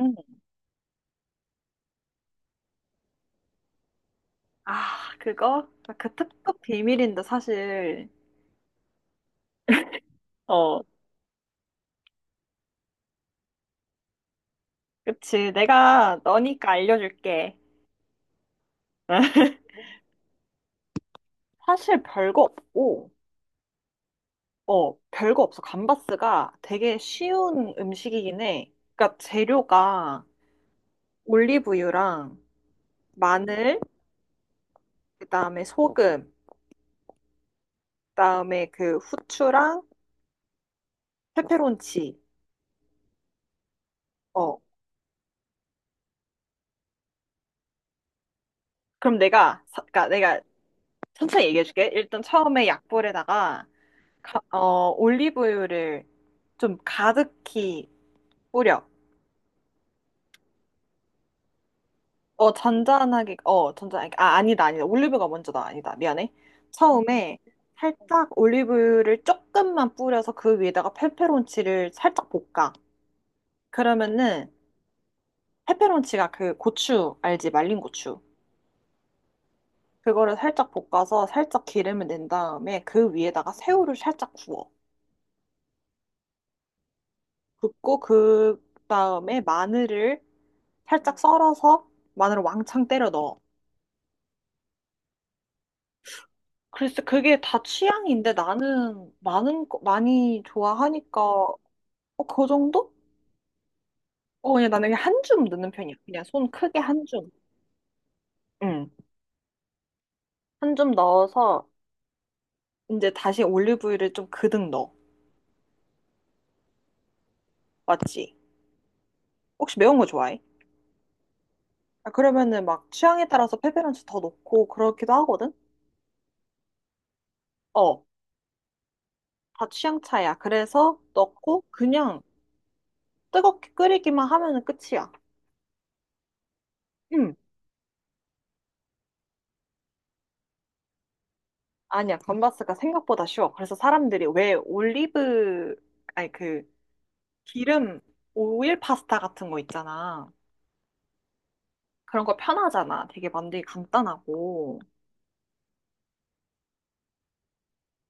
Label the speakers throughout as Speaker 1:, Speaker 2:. Speaker 1: 응. 아, 그거? 그 탑급 비밀인데, 사실. 어, 그치. 내가 너니까 알려줄게. 사실 별거 없고, 어, 별거 없어. 감바스가 되게 쉬운 음식이긴 해. 그러니까 재료가 올리브유랑 마늘, 그다음에 소금, 그다음에 그 후추랑 페페론치. 어. 그럼 내가, 그러니까 내가 천천히 얘기해줄게. 일단 처음에 약불에다가 올리브유를 좀 가득히 뿌려. 어, 잔잔하게, 어, 잔잔하게. 아, 아니다, 아니다. 올리브가 먼저다. 아니다. 미안해. 처음에 살짝 올리브유를 조금만 뿌려서 그 위에다가 페페론치를 살짝 볶아. 그러면은 페페론치가 그 고추, 알지? 말린 고추. 그거를 살짝 볶아서 살짝 기름을 낸 다음에 그 위에다가 새우를 살짝 구워. 굽고 그 다음에 마늘을 살짝 썰어서 마늘을 왕창 때려 넣어. 글쎄, 그게 다 취향인데 나는 많이 좋아하니까, 어, 그 정도? 어, 그냥 나는 한 줌 넣는 편이야. 그냥 손 크게 한 줌. 응. 한 줌 넣어서, 이제 다시 올리브유를 좀 그득 넣어. 맞지? 혹시 매운 거 좋아해? 아, 그러면은 막 취향에 따라서 페페론치 더 넣고 그렇기도 하거든? 어, 다 취향 차이야. 그래서 넣고 그냥 뜨겁게 끓이기만 하면은 끝이야. 응. 아니야, 건바스가 생각보다 쉬워. 그래서 사람들이 왜 올리브, 아니 그 기름 오일 파스타 같은 거 있잖아. 그런 거 편하잖아. 되게 만들기 간단하고.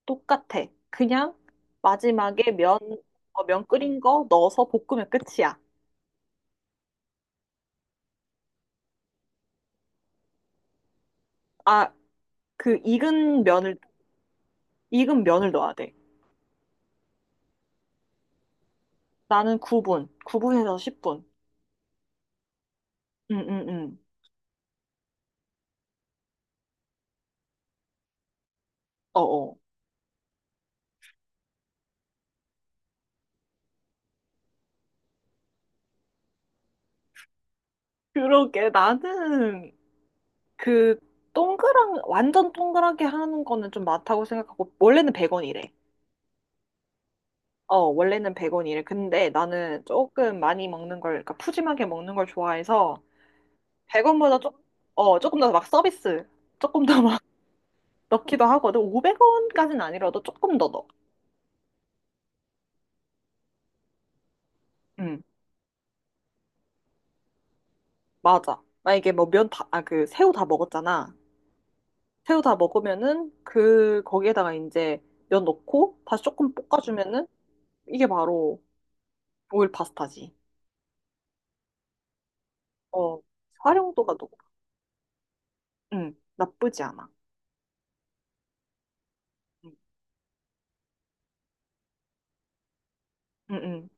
Speaker 1: 똑같아. 그냥 마지막에 면, 어, 면 끓인 거 넣어서 볶으면 끝이야. 아, 그 익은 면을, 익은 면을 넣어야 돼. 나는 9분, 9분에서 10분. 응, 응, 응. 어어. 그러게, 나는 그 동그란, 완전 동그랗게 하는 거는 좀 많다고 생각하고, 원래는 100원이래. 어, 원래는 100원이래. 근데 나는 조금 많이 먹는 걸, 그러니까 푸짐하게 먹는 걸 좋아해서 100원보다 조금 더 막 서비스, 조금 더 막 넣기도 하거든. 500원까지는 아니라도 조금 더 넣어. 응, 맞아. 만약에 뭐 면 다, 아, 그 새우 다 먹었잖아. 새우 다 먹으면은 그, 거기에다가 이제 면 넣고 다시 조금 볶아주면은 이게 바로 오일 파스타지. 어, 활용도가 높, 응, 나쁘지 않아. 응, 응, 응.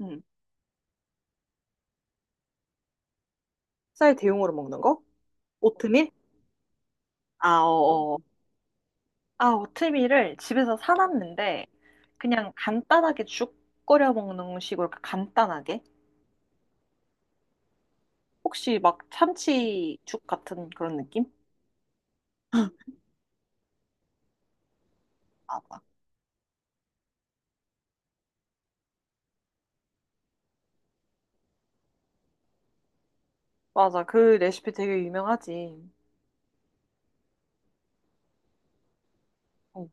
Speaker 1: 응. 쌀 대용으로 먹는 거? 오트밀? 아, 어, 어. 아, 오트밀을 집에서 사놨는데, 그냥 간단하게 죽 끓여 먹는 식으로 그 간단하게? 혹시 막 참치죽 같은 그런 느낌? 맞아. 맞아, 그 레시피 되게 유명하지. 어,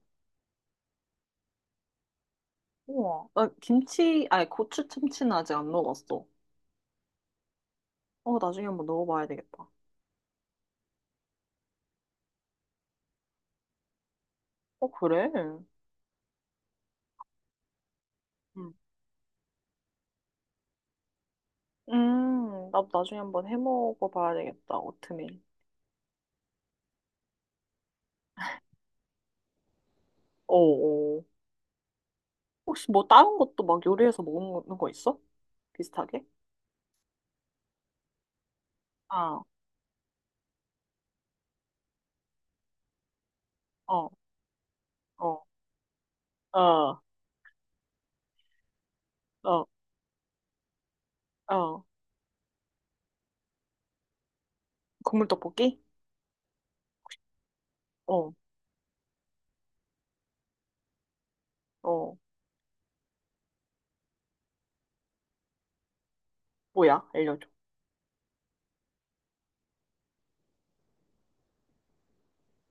Speaker 1: 우와, 나 김치, 아니 고추 참치는 아직 안 넣어봤어. 어, 나중에 한번 넣어봐야 되겠다. 어, 그래? 음. 나도 나중에 한번 해 먹어봐야 되겠다, 오트밀. 어, 어. 혹시 뭐 다른 것도 막 요리해서 먹는 거 있어? 비슷하게? 아, 어, 어, 어, 어, 어. 국물 떡볶이? 어, 어. 뭐야? 알려줘.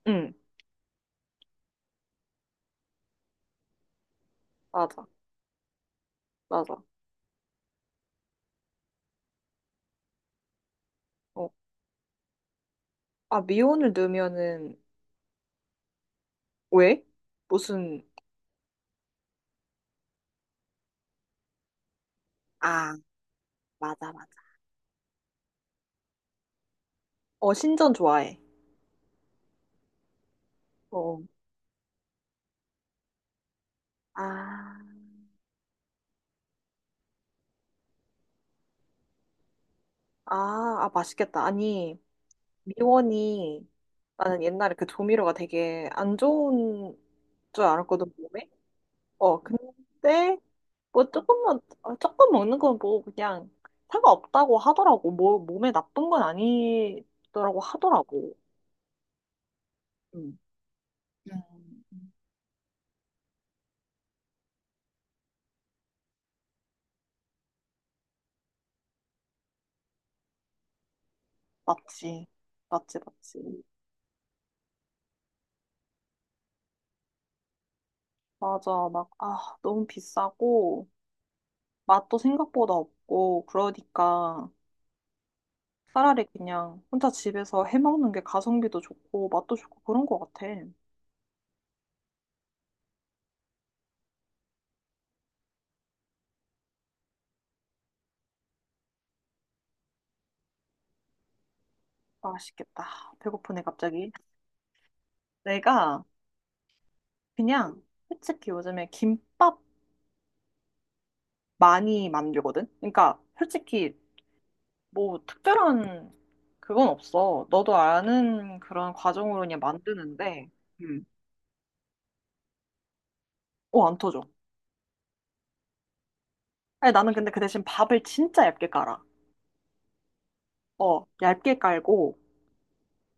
Speaker 1: 응, 맞아, 맞아. 어. 아, 미온을 넣으면은, 왜? 무슨, 아, 맞아, 맞아. 어, 신전 좋아해. 어, 아, 아, 아, 맛있겠다. 아니, 미원이, 나는 옛날에 그 조미료가 되게 안 좋은 줄 알았거든, 몸에. 어, 근데 뭐 조금만 어, 조금 먹는 건 뭐 그냥 상관없다고 하더라고. 뭐 몸에 나쁜 건 아니더라고 하더라고. 음. 음. 맞지. 맞지, 맞지. 맞아. 막, 아, 너무 비싸고, 맛도 생각보다 없고, 그러니까 차라리 그냥 혼자 집에서 해 먹는 게 가성비도 좋고, 맛도 좋고, 그런 것 같아. 맛있겠다. 배고프네, 갑자기. 내가 그냥 솔직히 요즘에 김밥 많이 만들거든? 그러니까 솔직히 뭐 특별한 그건 없어. 너도 아는 그런 과정으로 그냥 만드는데, 음. 어, 안 터져. 아니, 나는 근데 그 대신 밥을 진짜 얇게 깔아. 어, 얇게 깔고,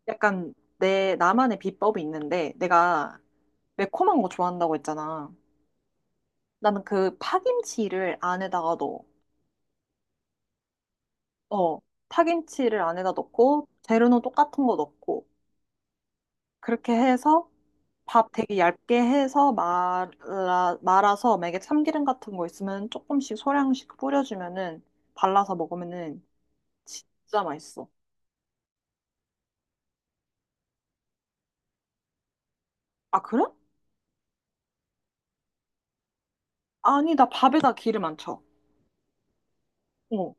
Speaker 1: 약간 내, 나만의 비법이 있는데, 내가 매콤한 거 좋아한다고 했잖아. 나는 그 파김치를 안에다가 넣어. 어, 파김치를 안에다 넣고, 재료는 똑같은 거 넣고, 그렇게 해서 밥 되게 얇게 해서 말아서 만약에 참기름 같은 거 있으면 조금씩 소량씩 뿌려주면은 발라서 먹으면은 진짜 맛있어. 아, 그래? 아니, 나 밥에다 기름 안 쳐. 어,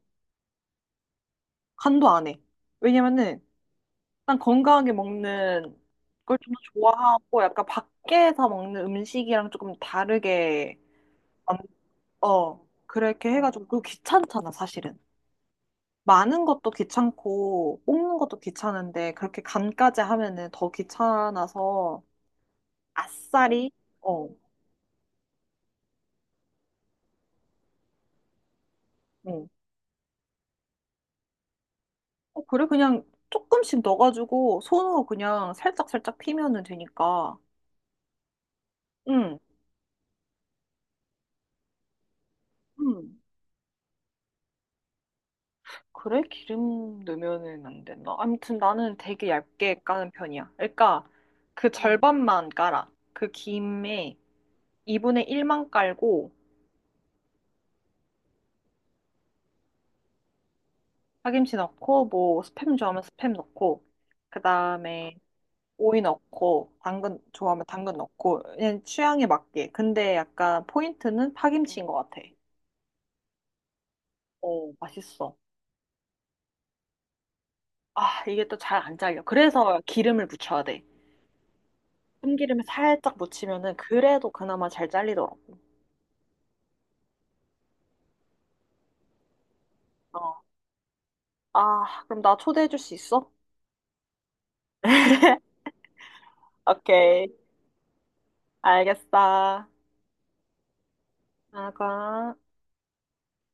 Speaker 1: 간도 안 해. 왜냐면은 난 건강하게 먹는 걸 좀 더 좋아하고 약간 밖에서 먹는 음식이랑 조금 다르게 만- 어, 그렇게 해가지고 그리고 귀찮잖아, 사실은. 많은 것도 귀찮고 뽑는 것도 귀찮은데 그렇게 간까지 하면은 더 귀찮아서 아싸리 어, 응. 어, 그래, 그냥 조금씩 넣어가지고 손으로 그냥 살짝 살짝 피면은 되니까 응, 응. 그래 기름 넣으면은 안 된다. 아무튼 나는 되게 얇게 까는 편이야. 그러니까 그 절반만 깔아. 그 김에 2분의 1만 깔고 파김치 넣고 뭐 스팸 좋아하면 스팸 넣고 그 다음에 오이 넣고 당근 좋아하면 당근 넣고 그냥 취향에 맞게. 근데 약간 포인트는 파김치인 것 같아. 어, 맛있어. 아, 이게 또 잘 안 잘려. 그래서 기름을 묻혀야 돼. 참기름에 살짝 묻히면은 그래도 그나마 잘 잘리더라고. 어. 아, 그럼 나 초대해 줄 수 있어? 오케이. 알겠어. 나가.